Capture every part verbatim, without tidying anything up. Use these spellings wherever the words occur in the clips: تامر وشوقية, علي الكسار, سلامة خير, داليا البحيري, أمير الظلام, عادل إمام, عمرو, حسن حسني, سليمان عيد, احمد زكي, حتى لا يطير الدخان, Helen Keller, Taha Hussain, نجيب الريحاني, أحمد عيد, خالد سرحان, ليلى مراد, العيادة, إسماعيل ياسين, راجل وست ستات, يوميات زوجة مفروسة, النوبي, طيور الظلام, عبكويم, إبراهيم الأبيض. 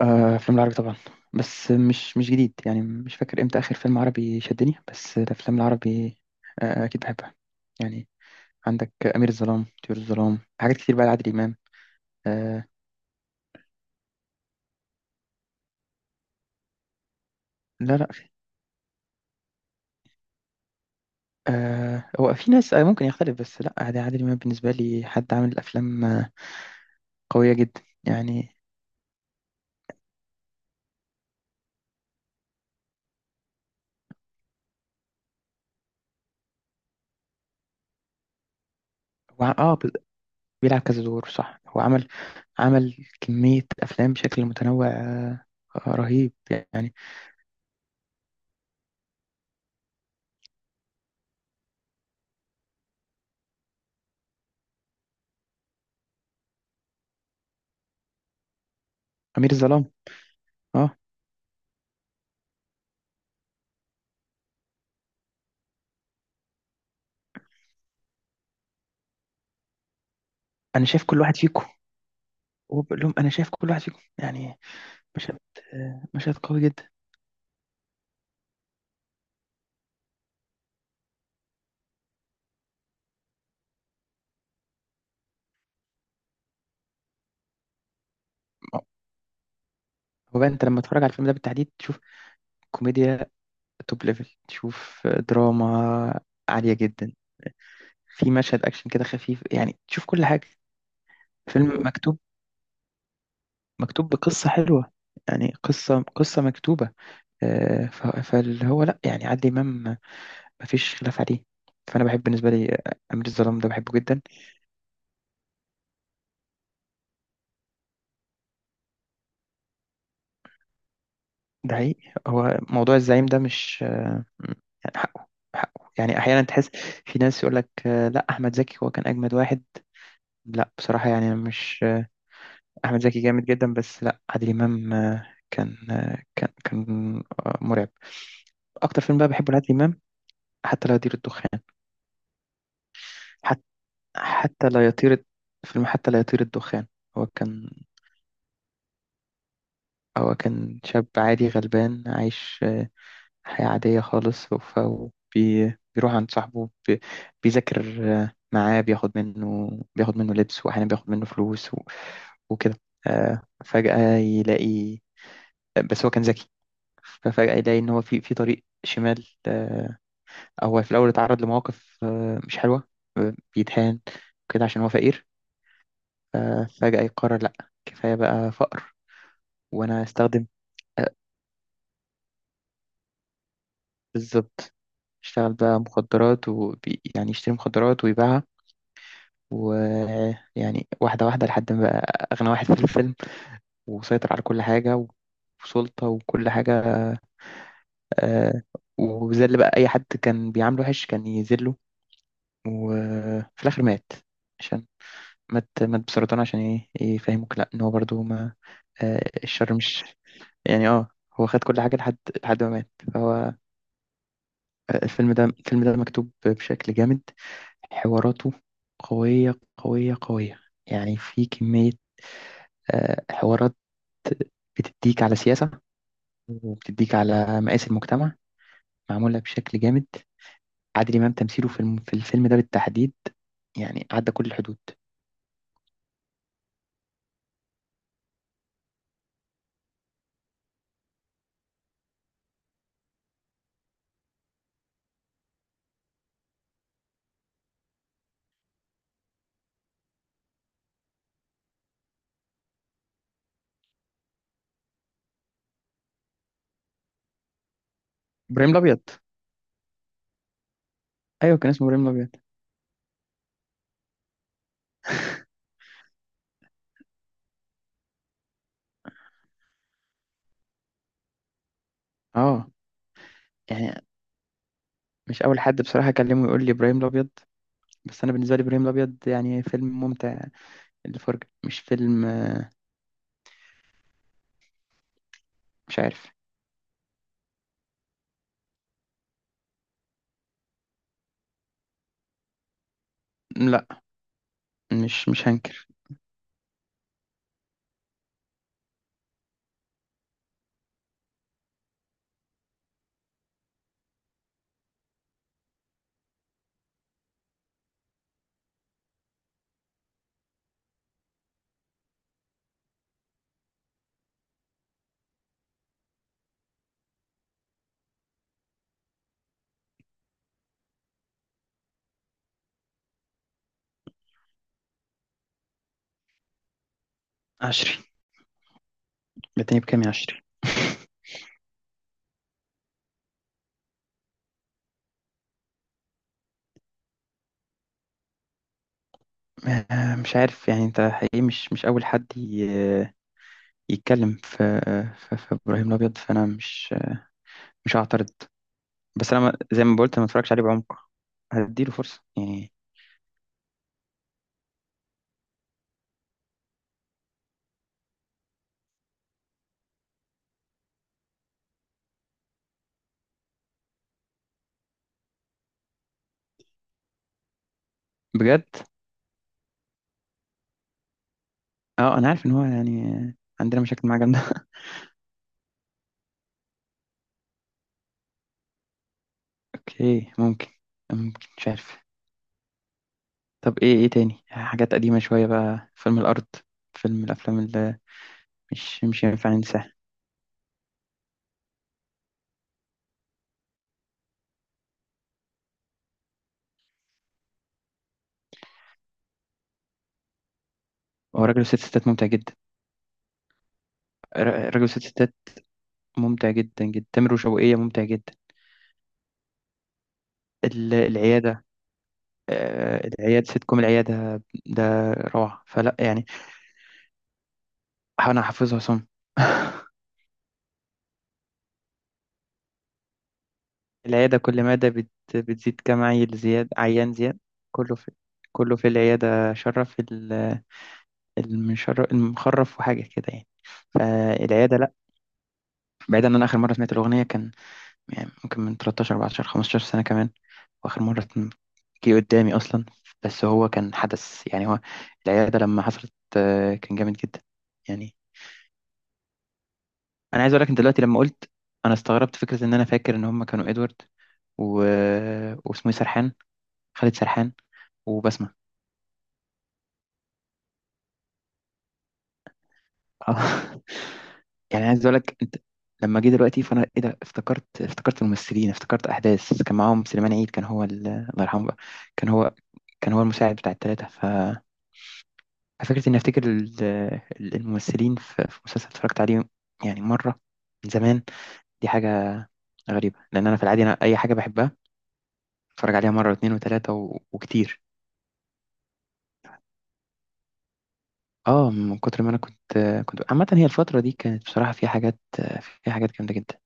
آه، أفلام العربي طبعا. بس مش مش جديد، يعني مش فاكر إمتى آخر فيلم عربي شدني. بس الأفلام العربي، آه، آه، أكيد بحبها، يعني. عندك أمير الظلام، طيور الظلام، حاجات كتير بقى لعادل إمام. آه، لا، لا، في. آه، هو في ناس، آه، ممكن يختلف، بس لا، عادل عادل إمام بالنسبة لي حد عامل أفلام آه، قوية جدا، يعني. هو ع- اه ب- بيلعب كذا دور، صح. هو عمل، عمل كمية أفلام بشكل متنوع، آه، آه، رهيب، يعني. أمير الظلام. اه. أنا شايف كل واحد فيكم، وبقول لهم: انا شايف كل واحد فيكم، يعني. مشهد آه، مشهد قوي جدا. هو بقى انت لما تتفرج على الفيلم ده بالتحديد تشوف كوميديا توب ليفل، تشوف دراما عالية جدا، في مشهد اكشن كده خفيف، يعني تشوف كل حاجة. فيلم مكتوب مكتوب بقصة حلوة، يعني قصة قصة مكتوبة. آه، ف- فاللي هو لا، يعني عادل إمام مفيش خلاف عليه. فأنا بحب، بالنسبة لي آه، أمير الظلام ده بحبه جدا. ده حقيقي. هو موضوع الزعيم ده مش مم. يعني حقه، حقه يعني احيانا تحس. في ناس يقول لك: لا، احمد زكي هو كان اجمد واحد. لا، بصراحه يعني أنا مش، آه، احمد زكي جامد جدا، بس لا، عادل امام آه، كان آه، كان كان آه، مرعب. اكتر فيلم بقى بحبه لعادل امام حتى لا يطير الدخان. حتى حتى لا يطير فيلم حتى لا يطير الدخان. هو كان هو كان شاب عادي غلبان عايش حياة عادية خالص. فبيروح عند صاحبه بي- بيذاكر آه، معاه. بياخد منه بياخد منه لبس، وأحيانا بياخد منه فلوس و- وكده. آه، فجأة يلاقي، بس هو كان ذكي، ففجأة يلاقي إن هو في في طريق شمال. آه، هو في الأول اتعرض لمواقف آه، مش حلوة، آه، بيتهان كده عشان هو فقير. آه، فجأة يقرر لأ، كفاية بقى فقر. وأنا أستخدم. آه، بالظبط. اشتغل بقى مخدرات، ويعني يشتري مخدرات ويبيعها، ويعني واحدة واحدة لحد ما بقى أغنى واحد في الفيلم، وسيطر على كل حاجة، وسلطة وكل حاجة. آه. وذل بقى أي حد كان بيعامله وحش كان يذله. وفي الآخر مات. عشان مات مات بسرطان، عشان إيه؟ يفهموك لأ، إن هو برضه ما، آه الشر مش، يعني. آه. هو خد كل حاجة لحد لحد ما مات، فهو. آه، الفيلم ده الفيلم ده مكتوب بشكل جامد. حواراته قوية، قوية، قوية، يعني في كمية آه، حوارات بتديك على سياسة، وبتديك على مقاس المجتمع، معمولة بشكل جامد. عادل إمام تمثيله في الم- في الفيلم ده بالتحديد، يعني عدى كل الحدود. إبراهيم الأبيض. أيوه، كان اسمه إبراهيم الأبيض. أه، يعني مش أول حد بصراحة أكلمه يقول لي إبراهيم الأبيض، بس أنا بالنسبة لي إبراهيم الأبيض، يعني فيلم ممتع للفرجة، مش فيلم. مش عارف. لا، مش مش هنكر. عشري. اديتني بكام يا عشري؟ مش عارف، يعني انت حقيقي مش مش اول حد ي- يتكلم في في, في ابراهيم الابيض، فانا مش مش هعترض. بس انا، ما- زي ما قلت ما اتفرجش عليه بعمق. هديله فرصه، يعني. بجد؟ اه، انا عارف ان هو، يعني عندنا مشاكل معاه جامده. اوكي، ممكن، ممكن مش عارف. طب ايه، ايه تاني حاجات قديمه شويه بقى؟ فيلم الارض، فيلم الافلام اللي مش مش ينفع ننساها. هو راجل وست ستات ممتع جدا. ر- راجل وست ستات ممتع جدا جدا. تامر وشوقية ممتع جدا. ال- العياده. آه، العياد سيت كوم. العياده ده روعه، فلا، يعني. أحاول أحفظها صم. العيادة كل مادة بت... بتزيد كم عيل زياد عيان زياد. كله في كله في العيادة شرف ال- المشرف المخرف وحاجة كده، يعني. فالعيادة لأ. بعيدا عن، أنا آخر مرة سمعت الأغنية كان، يعني ممكن من تلتاشر اربعتاشر خمسة عشر سنة كمان. وآخر مرة تم- جه قدامي أصلا، بس هو كان حدث، يعني. هو العيادة لما حصلت، آه، كان جامد جدا، يعني. انا عايز اقول لك انت دلوقتي لما قلت، انا استغربت فكره ان انا فاكر ان هم كانوا ادوارد و... واسمه إيه، سرحان، خالد سرحان، وبسمه. اه. يعني عايز اقول لك انت، لما جه دلوقتي فانا ايه ده، افتكرت افتكرت الممثلين، افتكرت احداث، كان معاهم سليمان عيد. كان هو ال- الله يرحمه بقى، كان هو كان هو المساعد بتاع الثلاثه. ف ففكره اني افتكر ال- ال- الممثلين في في مسلسل اتفرجت عليه، يعني مره، من زمان. دي حاجه غريبه، لان انا في العادي، انا اي حاجه بحبها اتفرج عليها مره واثنين وثلاثه وكتير. اه، من كتر ما انا كنت كنت عامه. هي الفتره دي كانت بصراحه فيها حاجات فيها حاجات جامده جدا.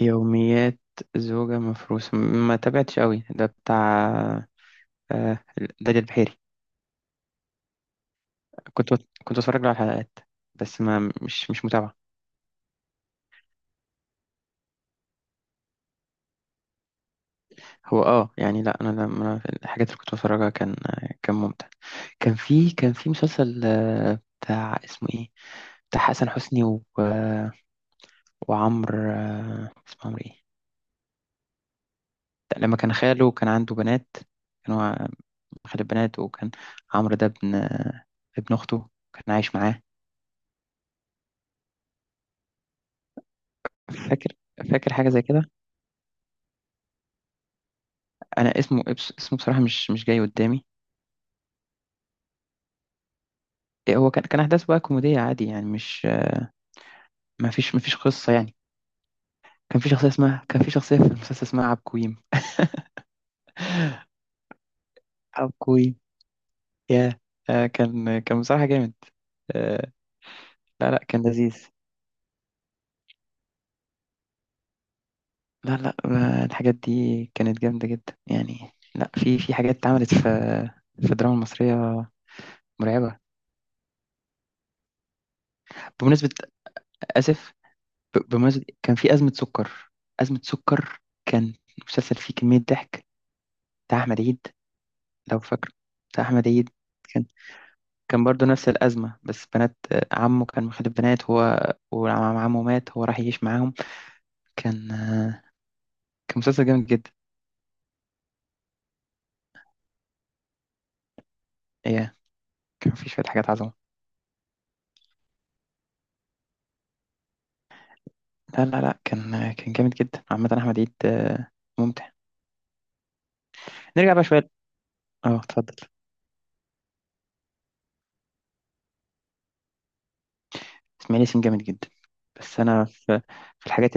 يوميات زوجة مفروسة، ما تابعتش قوي ده، بتاع آه، داليا البحيري. كنت بت- كنت بتفرج له على الحلقات، بس ما مش مش متابعة. هو اه، يعني لا، انا لما الحاجات اللي كنت بتفرجها كان، كان ممتع. كان في كان في مسلسل آه، بتاع اسمه ايه، بتاع حسن حسني و... وعمرو، آه، اسمه عمرو ايه. لما كان خاله، كان عنده بنات، كانوا، أحد البنات، وكان عمرو ده ابن ابن أخته، كان عايش معاه. فاكر فاكر حاجة زي كده. أنا اسمه اسمه بصراحة مش مش جاي قدامي. إيه، هو كان كان أحداث بقى كوميدية عادي، يعني مش ما فيش ما فيش قصة، يعني. كان في شخصية اسمها كان في شخصية في المسلسل اسمها عبكويم. عبكويم. يا آه، كان كان بصراحة جامد. آه، لا، لا، كان لذيذ. لا، لا، ما- الحاجات دي كانت جامدة جدا، يعني لا، في في حاجات اتعملت في في الدراما المصرية مرعبة. بمناسبة، آسف، ب- بمناسبة، كان في أزمة سكر. أزمة سكر كان مسلسل فيه كمية ضحك، بتاع أحمد عيد، لو فاكر. بتاع أحمد عيد كان كان برضه نفس الأزمة، بس بنات آه، عمه، كان مخلف بنات هو، وعمه مات، هو راح يعيش معاهم. كان آه، كان مسلسل جامد جدا. إيه، كان فيه شوية حاجات عظمة. لا، لا، لا، كان آه، كان جامد جدا عامة. أحمد عيد، آه، ممتع. نرجع بقى شوية. اه، اتفضل. إسماعيل ياسين جامد جدا. بس أنا في، في الحاجات،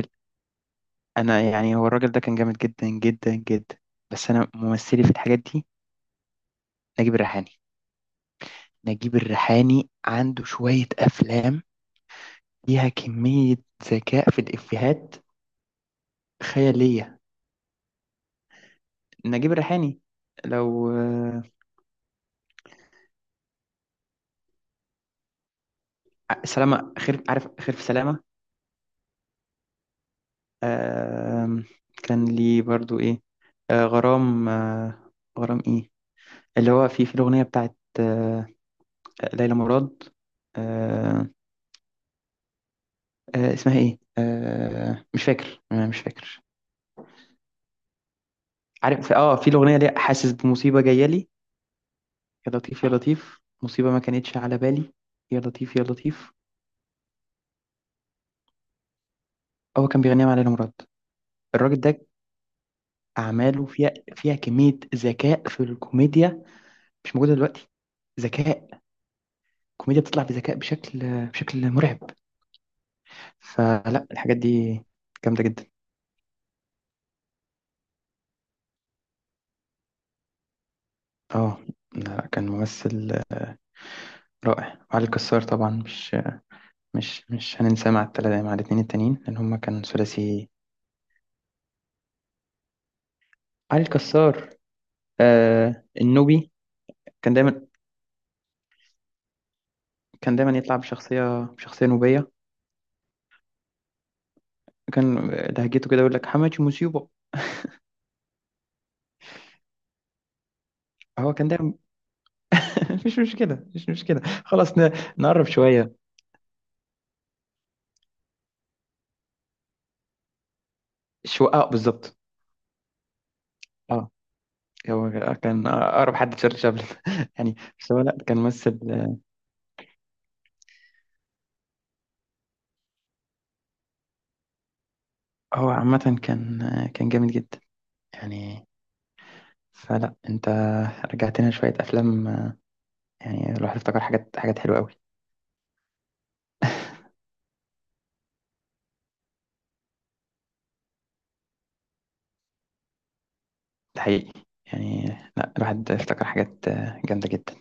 انا، يعني هو الراجل ده كان جامد جدا جدا جدا. بس انا ممثلي في الحاجات دي نجيب الريحاني. نجيب الريحاني عنده شوية افلام فيها كمية ذكاء في الافيهات خيالية. نجيب الريحاني، لو. آه، سلامة خير، عارف خير في سلامة. آم، كان لي برضو ايه، آه، غرام، آه، غرام ايه اللي هو، في في الاغنية بتاعت آه، ليلى مراد. آه، آه، اسمها ايه، آه، مش فاكر، آه، مش فاكر. عارف اه، في الاغنيه دي حاسس بمصيبه جايه لي. يا لطيف، يا لطيف، مصيبه ما كانتش على بالي، يا لطيف، يا لطيف. هو كان بيغنيها مع ليلى مراد. الراجل ده اعماله فيها فيها كميه ذكاء في الكوميديا مش موجوده دلوقتي. ذكاء. الكوميديا بتطلع بذكاء بشكل بشكل مرعب. فلا، الحاجات دي جامده جدا. اه، لا، كان ممثل رائع. وعلي الكسار طبعا مش مش مش هننساه، مع التلاتة، مع الاتنين التانيين، لان هما كانوا ثلاثي. علي الكسار، آه النوبي. كان دايما كان دايما يطلع بشخصية بشخصية نوبية. كان لهجته كده يقول لك: حماتي مصيبة. هو كان دايما. مش مشكلة، مش مشكلة، خلاص. ن- نقرب شوية. شو اه، بالظبط. اه، هو كان أقرب حد تشارلي شابلن، يعني، بس هو لا، كان ممثل. هو عامة كان كان جامد جدا، يعني. فلا، انت رجعت لنا شوية أفلام، يعني الواحد افتكر حاجات حاجات حلوة قوي. ده حقيقي، يعني لا، الواحد افتكر حاجات جامدة جدا.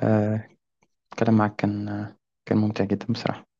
آه، الكلام معاك كان كان ممتع جدا بصراحة.